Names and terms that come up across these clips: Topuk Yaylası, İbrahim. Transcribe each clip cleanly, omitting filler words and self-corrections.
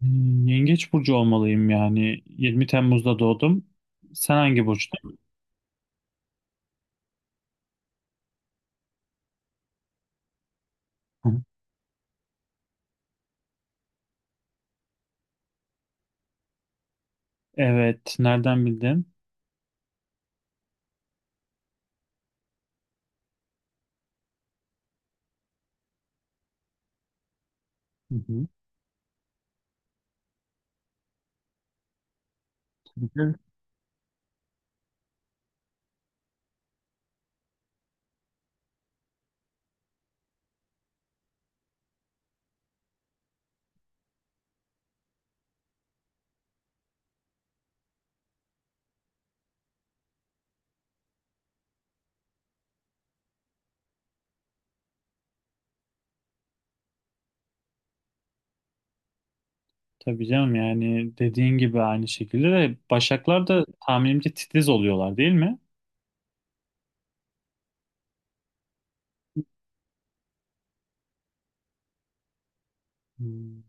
Yengeç burcu olmalıyım yani. 20 Temmuz'da doğdum. Sen hangi burçtun? Hı hı. Evet, nereden bildin? Hı hı. Tabii canım. Tabii canım, yani dediğin gibi aynı şekilde de Başaklar da tahminimce titiz oluyorlar, değil mi? Hmm,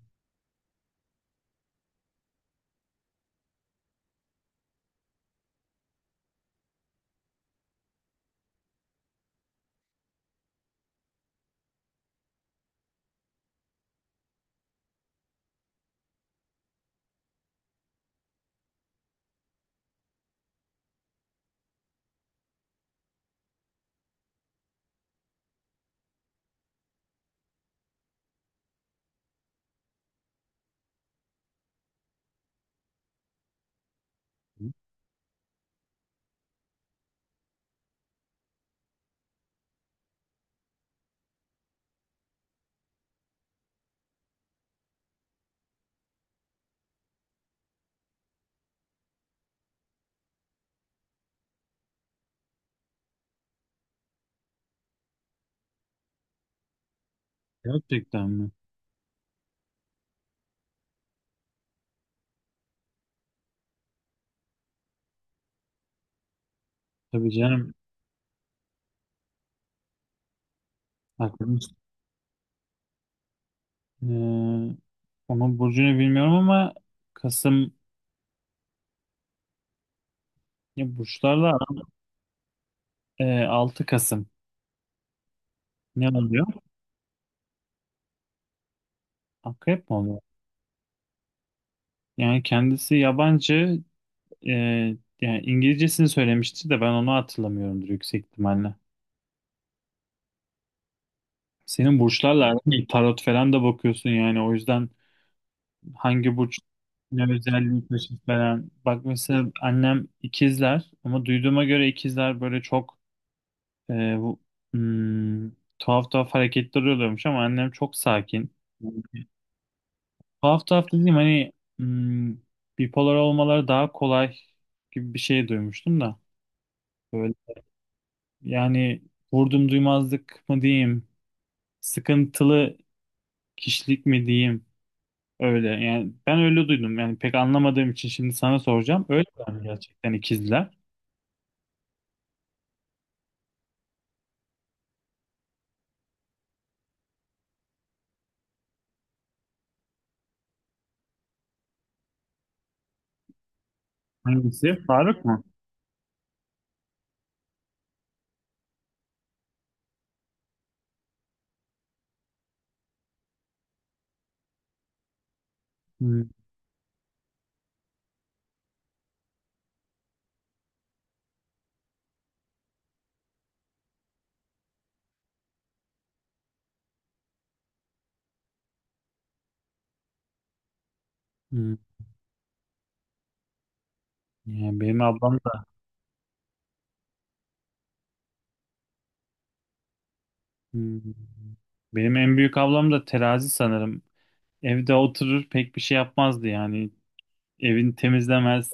Gerçekten mi? Tabii canım. Aklımız. Ee, Onun burcunu bilmiyorum ama Kasım. ya burçlarla aram- 6 Kasım. Ne oluyor? Akrep mi oluyor? Yani kendisi yabancı. Ee, Yani İngilizcesini söylemişti de ben onu hatırlamıyorumdur yüksek ihtimalle. Senin burçlarla aran iyi. Tarot falan da bakıyorsun yani, o yüzden hangi burç ne özelliği taşır falan. Bak mesela annem ikizler, ama duyduğuma göre ikizler böyle çok e, bu- hmm, tuhaf tuhaf hareketler oluyormuş, ama annem çok sakin. Tuhaf tuhaf dediğim, hani, hmm, bipolar olmaları daha kolay gibi bir şey duymuştum da. Böyle, yani, vurdum duymazlık mı diyeyim, sıkıntılı kişilik mi diyeyim, öyle. Yani ben öyle duydum. Yani pek anlamadığım için şimdi sana soracağım. Öyle mi gerçekten ikizler? Hangisi? Faruk mu? Hmm, hmm. Yani benim ablam da. hmm. Benim en büyük ablam da terazi sanırım. Evde oturur, pek bir şey yapmazdı yani. Evini temizlemez,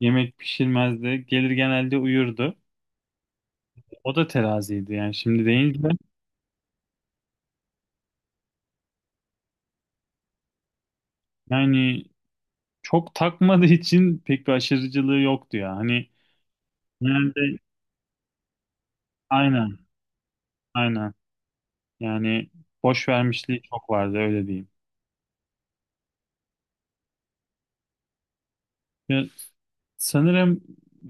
yemek pişirmezdi. Gelir genelde uyurdu. O da teraziydi yani, şimdi deyince, yani çok takmadığı için pek bir aşırıcılığı yoktu ya. Hani, genelde. Aynen, aynen. Yani boş vermişliği çok vardı, öyle diyeyim. Ya, sanırım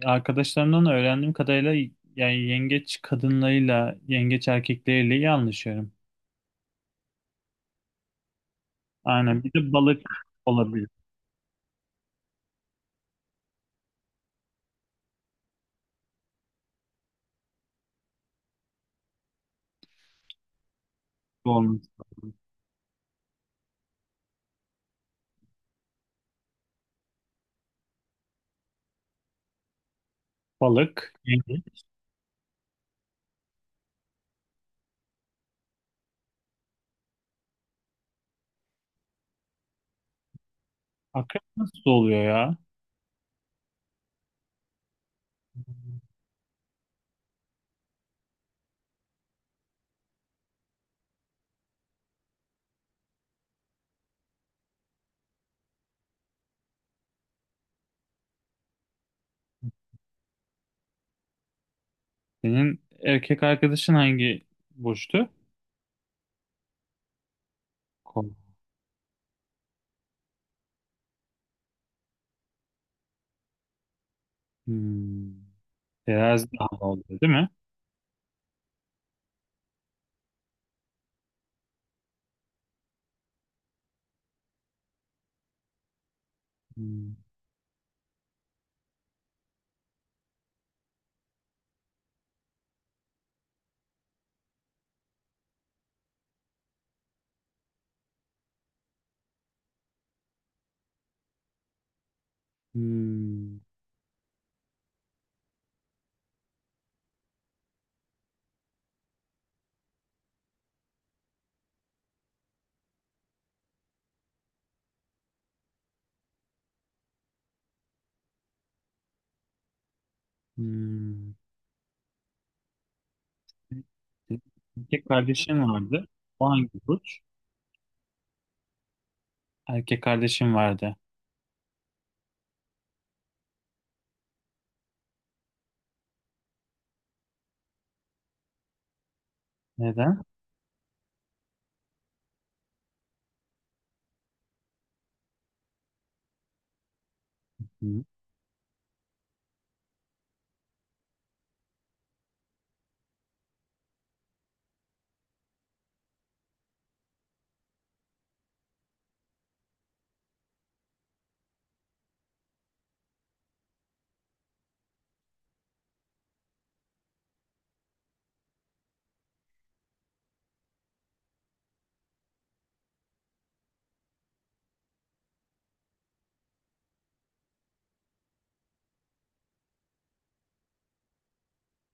arkadaşlarımdan öğrendiğim kadarıyla, yani yengeç kadınlarıyla, yengeç erkekleriyle iyi anlaşıyorum. Aynen. Bir de balık olabilir. Bu olması lazım. Balık, yengeç. Akrep nasıl oluyor ya? Senin erkek arkadaşın hangi burçtu? Kol. Hmm. Terazi daha oluyor, değil mi? Hmm. Hmm. Hmm. Erkek kardeşim vardı. O hangi burç? Erkek kardeşim vardı. Neden? Hı.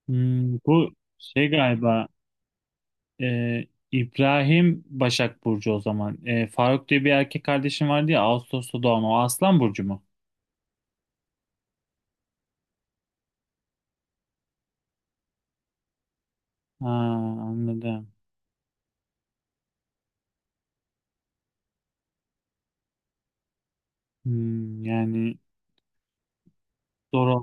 Bu, şey, galiba e, İbrahim Başak Burcu o zaman. Faruk diye bir erkek kardeşim vardı ya, Ağustos'ta doğan, o Aslan Burcu mu? Ha, anladım. Yani doğru.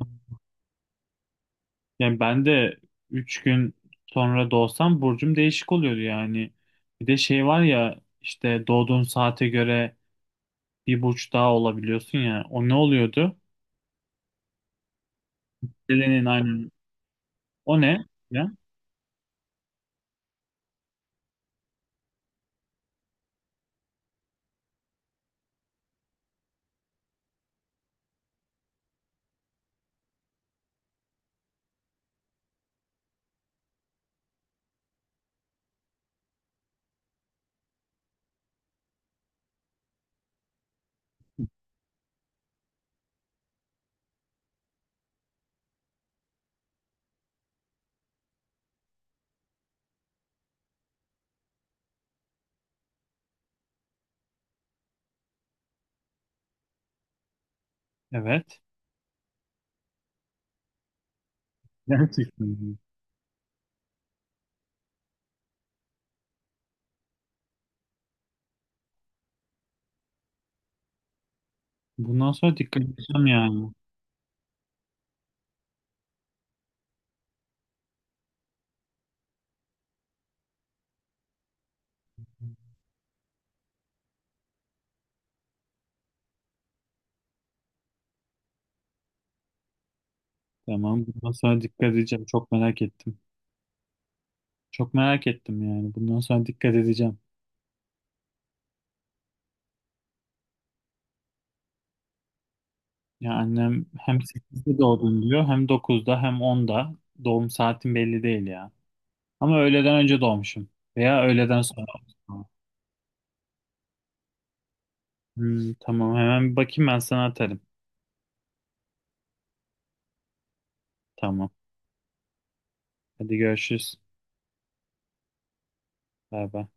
Yani ben de 3 gün sonra doğsam burcum değişik oluyordu yani. Bir de şey var ya, işte doğduğun saate göre bir burç daha olabiliyorsun ya. O ne oluyordu? Selen'in aynı. O ne? Ya, evet. Gerçekten mi? Bundan sonra dikkat edeceğim yani. Tamam. Bundan sonra dikkat edeceğim. Çok merak ettim. Çok merak ettim yani. Bundan sonra dikkat edeceğim. Ya, annem hem 8'de doğdum diyor, hem 9'da, hem 10'da. Doğum saatim belli değil ya. Ama öğleden önce doğmuşum. Veya öğleden sonra. Tamam, hemen bir bakayım, ben sana atarım. Tamam. Hadi görüşürüz. Bay bay.